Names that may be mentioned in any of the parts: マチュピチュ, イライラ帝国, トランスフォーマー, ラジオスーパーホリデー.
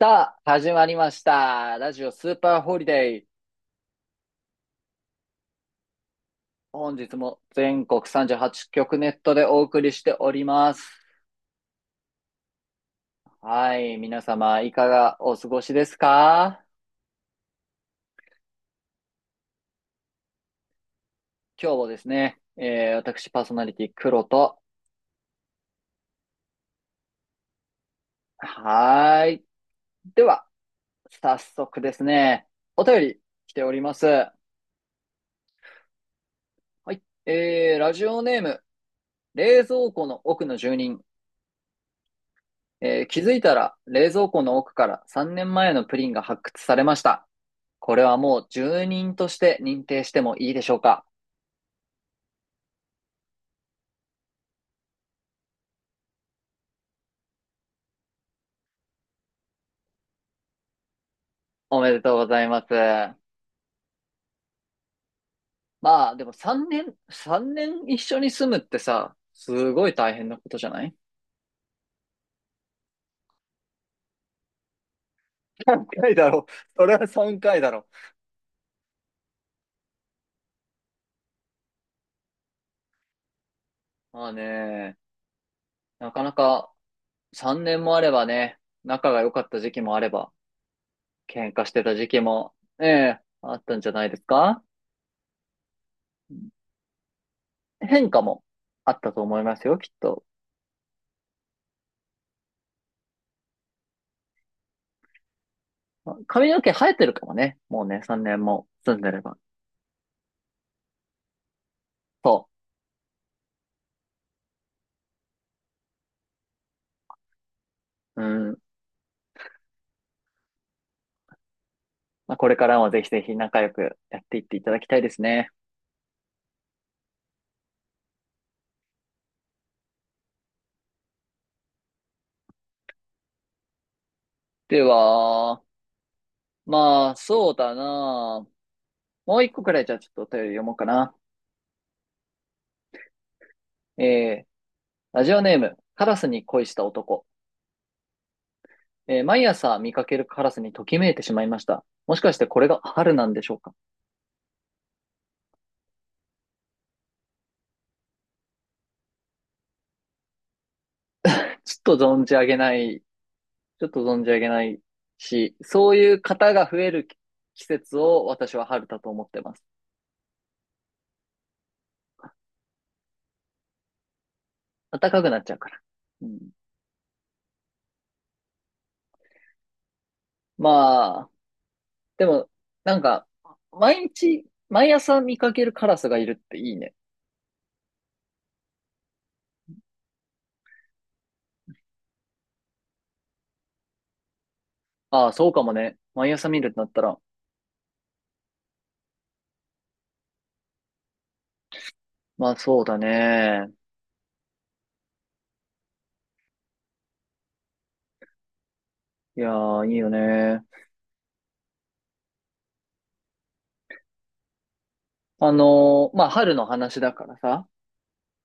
さあ、始まりました。ラジオスーパーホリデー。本日も全国38局ネットでお送りしております。はい、皆様いかがお過ごしですか？今日もですね、私パーソナリティ黒と、はーい。では、早速ですね、お便り来ております。はい、ラジオネーム、冷蔵庫の奥の住人。気づいたら冷蔵庫の奥から3年前のプリンが発掘されました。これはもう住人として認定してもいいでしょうか？おめでとうございます。まあ、でも3年一緒に住むってさ、すごい大変なことじゃない？3回だろ。それは3回だろ。まあね、なかなか3年もあればね、仲が良かった時期もあれば、喧嘩してた時期も、ええ、あったんじゃないですか？変化もあったと思いますよ、きっと。まあ髪の毛生えてるかもね。もうね、3年も住んでれば。そう。うん。まあ、これからもぜひぜひ仲良くやっていっていただきたいですね。では、まあ、そうだな。もう一個くらいじゃあちょっとお便り読もうかな。えー、ラジオネーム、カラスに恋した男。毎朝見かけるカラスにときめいてしまいました。もしかしてこれが春なんでしょうか？ちょっと存じ上げない、ちょっと存じ上げないし、そういう方が増える季節を私は春だと思ってます。暖かくなっちゃうから。うん、まあ、でも、なんか、毎朝見かけるカラスがいるっていいね。ああ、そうかもね。毎朝見るってなったら。まあ、そうだね。いやー、いいよね。まあ、春の話だからさ。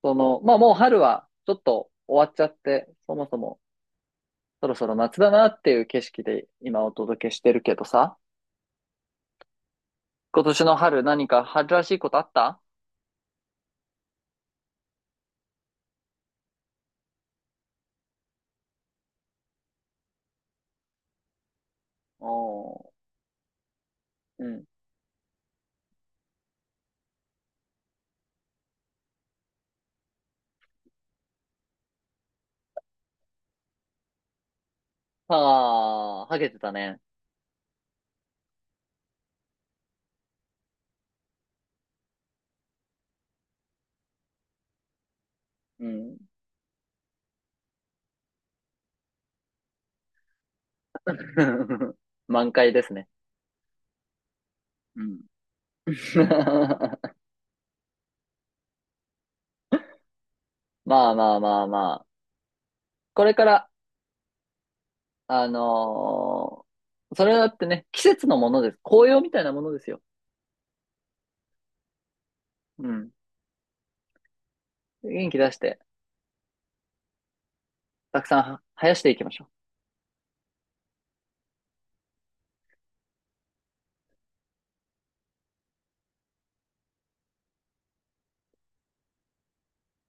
その、まあ、もう春は、ちょっと終わっちゃって、そもそも、そろそろ夏だなっていう景色で今お届けしてるけどさ。今年の春、何か春らしいことあった？おー、うん。ああ、はげてたね。うん。満開ですね。うん まあまあまあまあ。これから、あのーそれだってね、季節のものです。紅葉みたいなものですよ。うん。元気出して、たくさんは生やしていきましょう。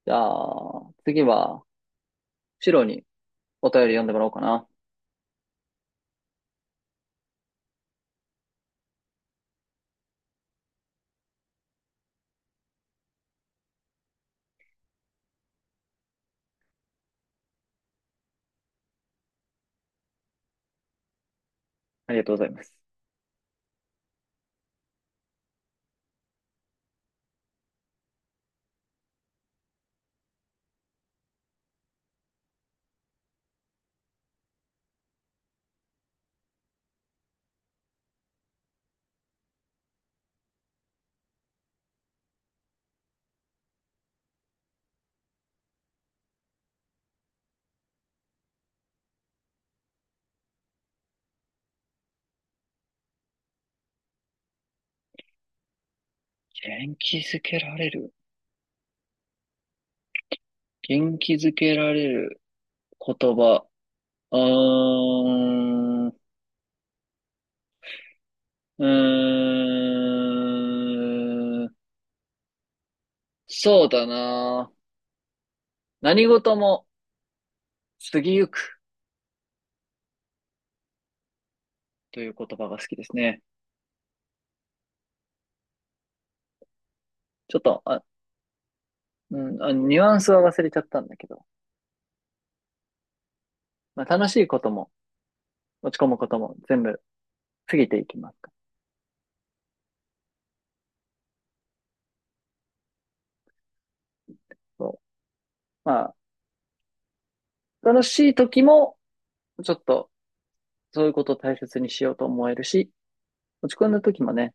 じゃあ、次は、シロにお便り読んでもらおうかな。ありがとうございます。元気づけられる。元気づけられる言葉。うーん、うーん、そうだな。何事も過ぎゆく。という言葉が好きですね。ちょっと、ニュアンスは忘れちゃったんだけど、まあ、楽しいことも、落ち込むことも全部過ぎていきますから。そう。まあ、楽しい時も、ちょっと、そういうことを大切にしようと思えるし、落ち込んだ時もね、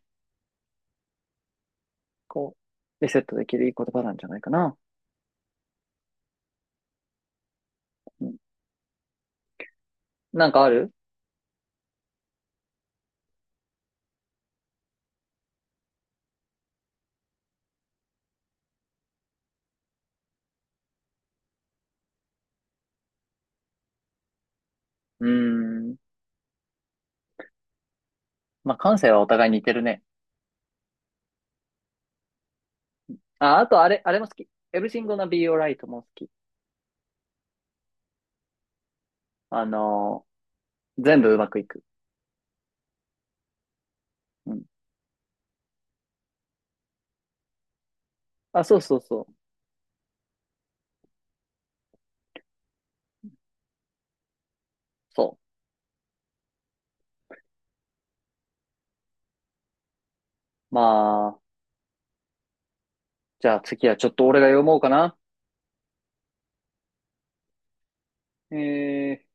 こう、リセットできるいい言葉なんじゃないかな。うん、なんかある？うーん。まあ、感性はお互い似てるね。あ、あとあれも好き。Everything gonna be alright も好き。あの全部うまくいく。うん。あ、そうそうそう。そう。まあ、じゃあ次はちょっと俺が読もうかな。えー、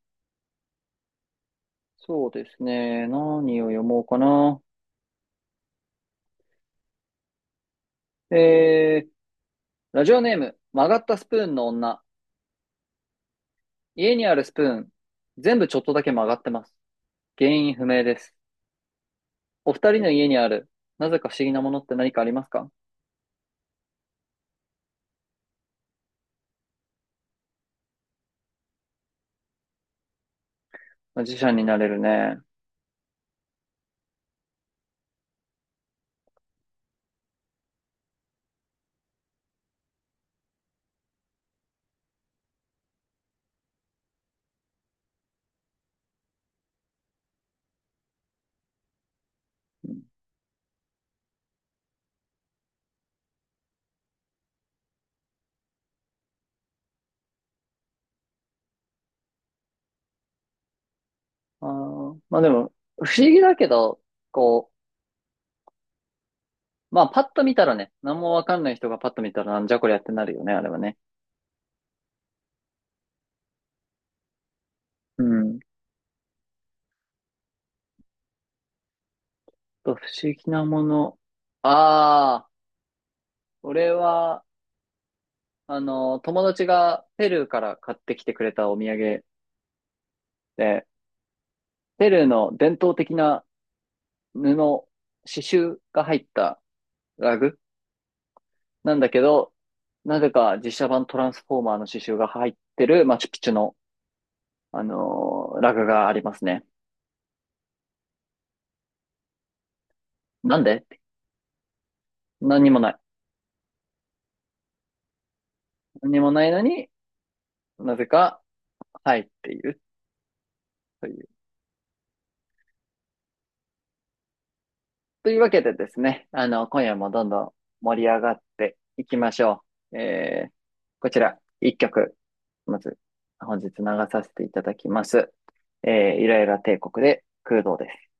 そうですね。何を読もうかな。えー、ラジオネーム、曲がったスプーンの女。家にあるスプーン、全部ちょっとだけ曲がってます。原因不明です。お二人の家にある、なぜか不思議なものって何かありますか？自社になれるね。あー、まあでも、不思議だけど、こう、まあパッと見たらね、何もわかんない人がパッと見たらなんじゃこりゃってなるよね、あれはね。うん。と、不思議なもの。ああ。俺は、友達がペルーから買ってきてくれたお土産で、ペルーの伝統的な布、刺繍が入ったラグなんだけど、なぜか実写版トランスフォーマーの刺繍が入ってるマチュピチュの、ラグがありますね。なんで？何にもない。何にもないのになぜか入っているという。というわけでですね、今夜もどんどん盛り上がっていきましょう。こちら、一曲、まず、本日流させていただきます。イライラ帝国で、空洞です。